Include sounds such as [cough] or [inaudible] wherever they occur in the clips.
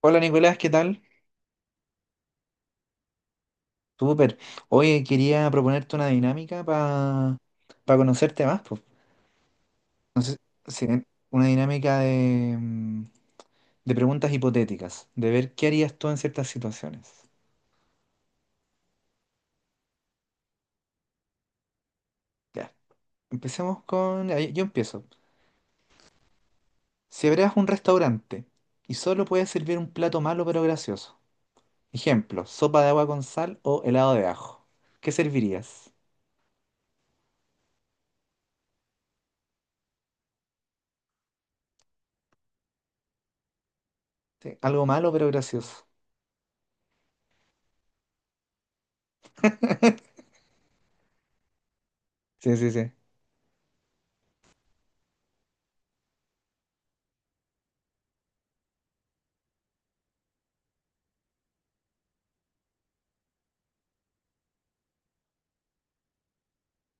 Hola Nicolás, ¿qué tal? Súper. Oye, quería proponerte una dinámica para conocerte más, pues. Entonces, sé si- una dinámica de, de preguntas hipotéticas, de ver qué harías tú en ciertas situaciones. Ya, empecemos. Yo empiezo. Si abrieras un restaurante y solo puedes servir un plato malo pero gracioso, ejemplo, sopa de agua con sal o helado de ajo, ¿qué servirías? Sí, algo malo pero gracioso. [laughs] Sí, sí, sí.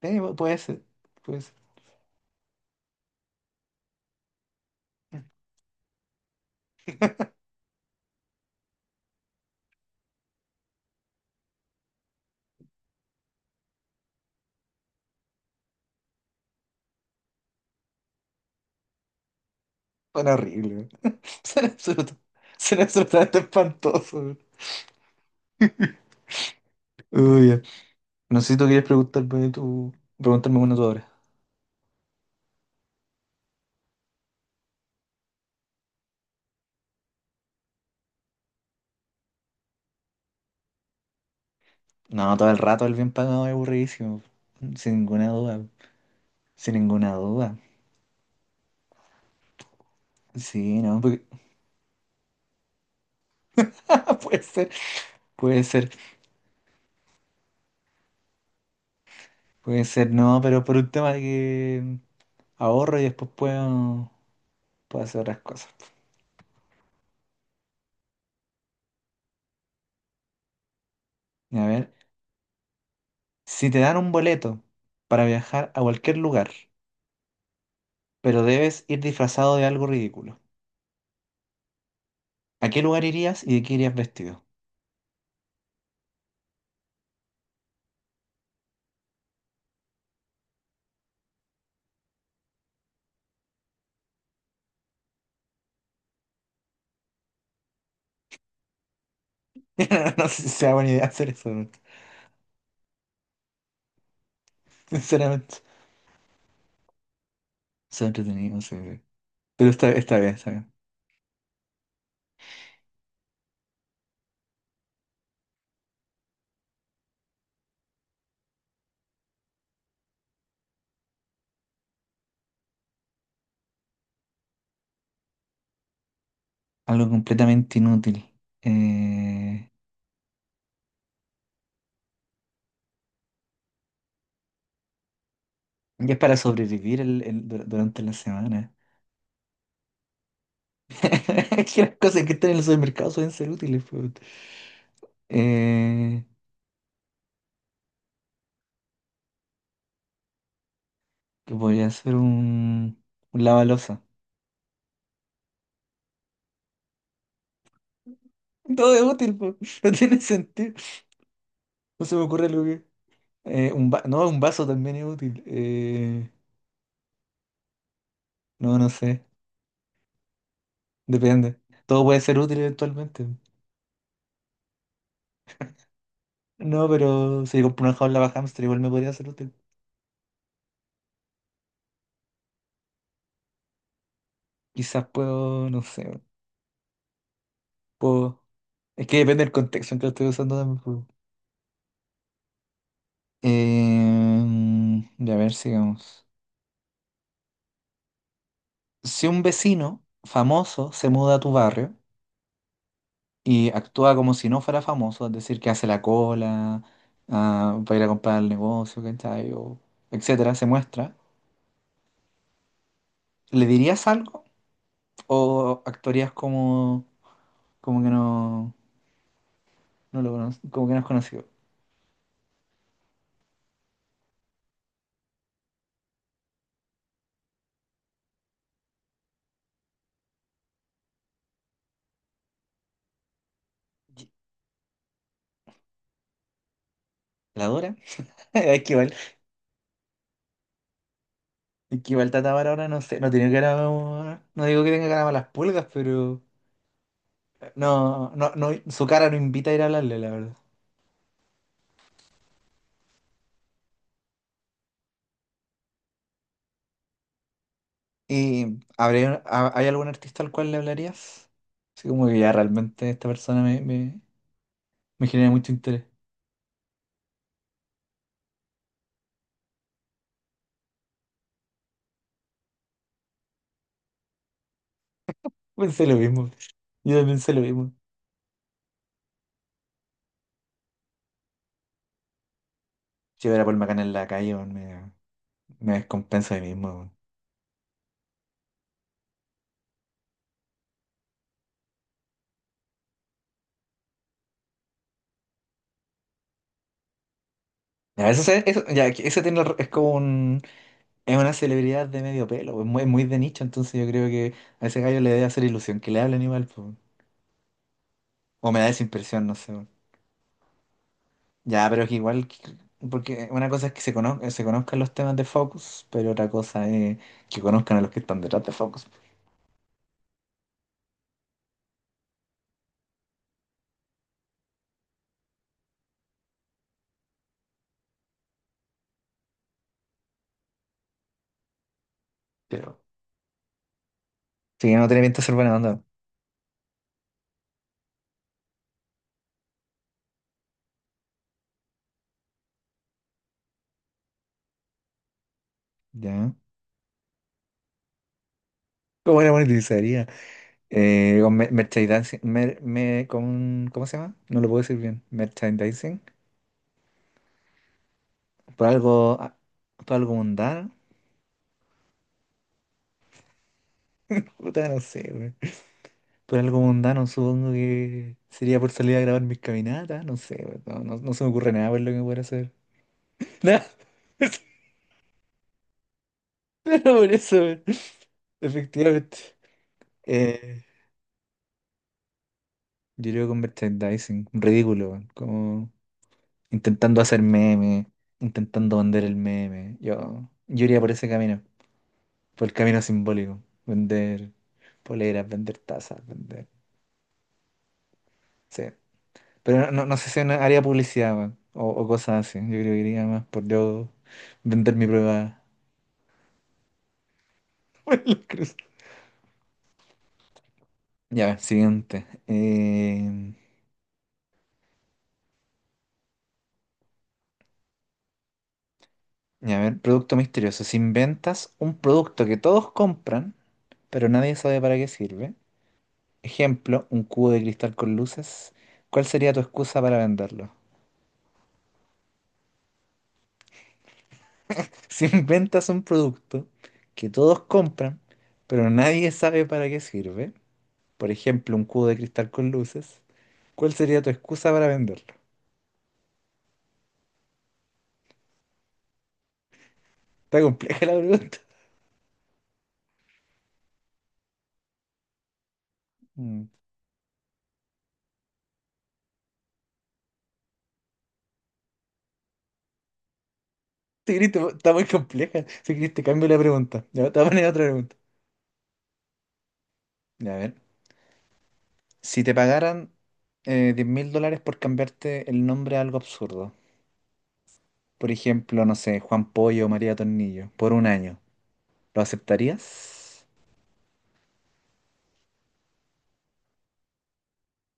Puede ser, puede ser. Suena horrible. [laughs] Suena absoluto- suena absolutamente espantoso. Uy, ya. No sé si tú quieres preguntarme una tú ahora. No, todo el rato el bien pagado es aburridísimo. Sin ninguna duda. Sin ninguna duda. Sí, no. [laughs] Puede ser, puede ser, puede ser, no, pero por un tema de que ahorro y después puedo hacer otras cosas. A ver, si te dan un boleto para viajar a cualquier lugar, pero debes ir disfrazado de algo ridículo, ¿a qué lugar irías y de qué irías vestido? [laughs] No sé si sea buena idea hacer eso, ¿no? Sinceramente. Son entretenido, sí. Pero está bien, está bien. Algo completamente inútil. Eh, y es para sobrevivir durante la semana. [laughs] Es que las cosas que están en el supermercado suelen ser útiles, pues. Eh, que podría ser un lavaloza. Todo es útil, pues. [laughs] No tiene sentido. No se me ocurre algo que... un va- no, Un vaso también es útil. No, no sé. Depende. Todo puede ser útil eventualmente. No, pero si compro una jaula para hámster igual me podría ser útil. Quizás puedo, no sé, puedo. Es que depende del contexto en que lo estoy usando también, po. Ya, a ver, sigamos. Si un vecino famoso se muda a tu barrio y actúa como si no fuera famoso, es decir, que hace la cola para ir a comprar al negocio, ¿cachai? O etcétera, se muestra, ¿le dirías algo o actuarías como que no? No lo conozco, como que no es conocido. ¿La Dora? [laughs] Es que igual, es que igual Tatamar ahora no sé, no tiene cara. No digo que tenga cara a las pulgas, pero. No, no, no, su cara no invita a ir a hablarle, la verdad. ¿Y hay algún artista al cual le hablarías? Así como que ya realmente esta persona me genera mucho interés. Pensé lo mismo. Yo también pensé lo mismo. Si hubiera Paul Macana en la calle, weón, me descompenso de mí mismo, weón. Ya, eso, ya, que ese tiene, es como un. Es una celebridad de medio pelo, es muy, muy de nicho, entonces yo creo que a ese gallo le debe hacer ilusión que le hablen igual, po. O me da esa impresión, no sé, po. Ya, pero es que igual, porque una cosa es que se conozcan los temas de Focus, pero otra cosa es que conozcan a los que están detrás de Focus. Pero sí, no tiene pinta de ser buena onda, ¿ya? ¿Cómo la monetizaría? Con merchandising, con, ¿cómo se llama? No lo puedo decir bien. Merchandising, por algo, ah, por algo mundano. Puta, no sé, güey. Por algo mundano, supongo que sería por salir a grabar mis caminatas, no sé, weón, no se me ocurre nada por lo que pueda hacer. [laughs] Nada, [laughs] por eso, weón, efectivamente. Eh, yo creo con merchandising, ridículo, weón, como intentando hacer meme, intentando vender el meme. Yo iría por ese camino, por el camino simbólico, vender poleras, vender tazas, vender. Sí. Pero no sé si en área publicidad, weón, o cosas así. Yo creo que iría más por yo vender mi prueba. [laughs] Por la cruz. Ya, siguiente. Ya, a ver, producto misterioso. Si inventas un producto que todos compran, pero nadie sabe para qué sirve. Ejemplo, un cubo de cristal con luces. ¿Cuál sería tu excusa para venderlo? [laughs] Si inventas un producto que todos compran, pero nadie sabe para qué sirve. Por ejemplo, un cubo de cristal con luces, ¿cuál sería tu excusa para venderlo? Está compleja la pregunta. Mm. Si querés, está muy compleja. Si querés, te cambio la pregunta. Ya, te voy a poner otra pregunta. Ya, a ver, si te pagaran 10 mil dólares por cambiarte el nombre a algo absurdo, por ejemplo, no sé, Juan Pollo o María Tornillo, por un año, ¿lo aceptarías?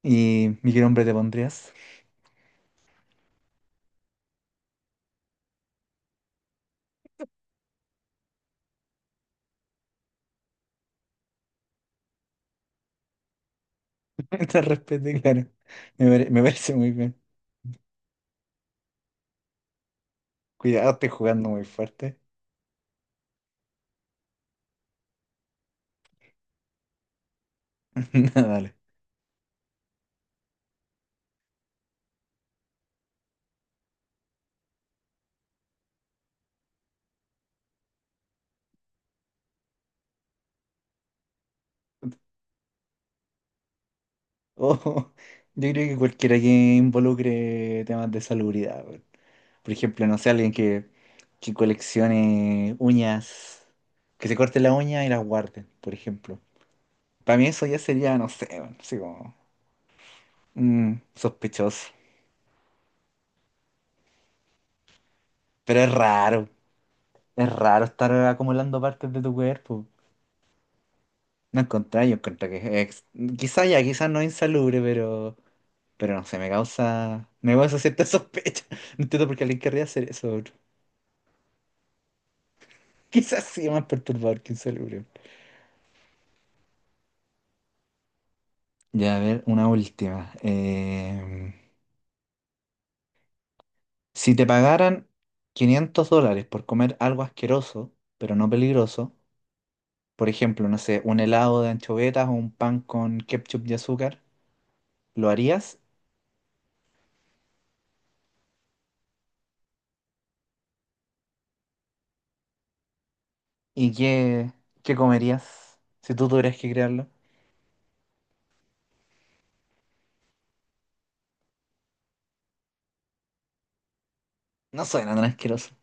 ¿Y mi qué nombre te pondrías? [laughs] Te respeto, claro. Me parece muy bien. Cuidado, estoy jugando muy fuerte. [laughs] Dale. Oh, [laughs] yo creo que cualquiera que involucre temas de salubridad, weón. Por ejemplo, no sé, alguien que coleccione uñas, que se corte la uña y las guarde, por ejemplo. Para mí eso ya sería, no sé, weón, así como sospechoso. Pero es raro estar acumulando partes de tu cuerpo. No encontré, yo encontré que es, quizás no es insalubre, pero no sé, me causa cierta sospecha. [laughs] No entiendo por qué alguien querría hacer eso. [laughs] Quizás sí más perturbador que un. Ya, a ver, una última. Si te pagaran 500 dólares por comer algo asqueroso, pero no peligroso, por ejemplo, no sé, un helado de anchovetas o un pan con ketchup y azúcar, ¿lo harías? ¿Y qué comerías si tú tuvieras que crearlo? No suena tan asqueroso.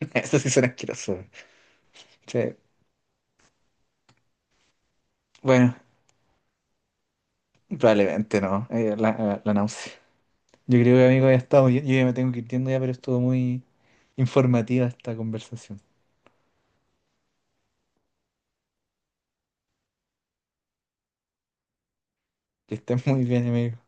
[laughs] Eso sí suena asqueroso. Sí, bueno, probablemente no. La, náusea. Yo creo que, amigo, ya estamos. Yo ya me tengo que ir yendo ya, pero estuvo muy informativa esta conversación. Que estén muy bien, amigo.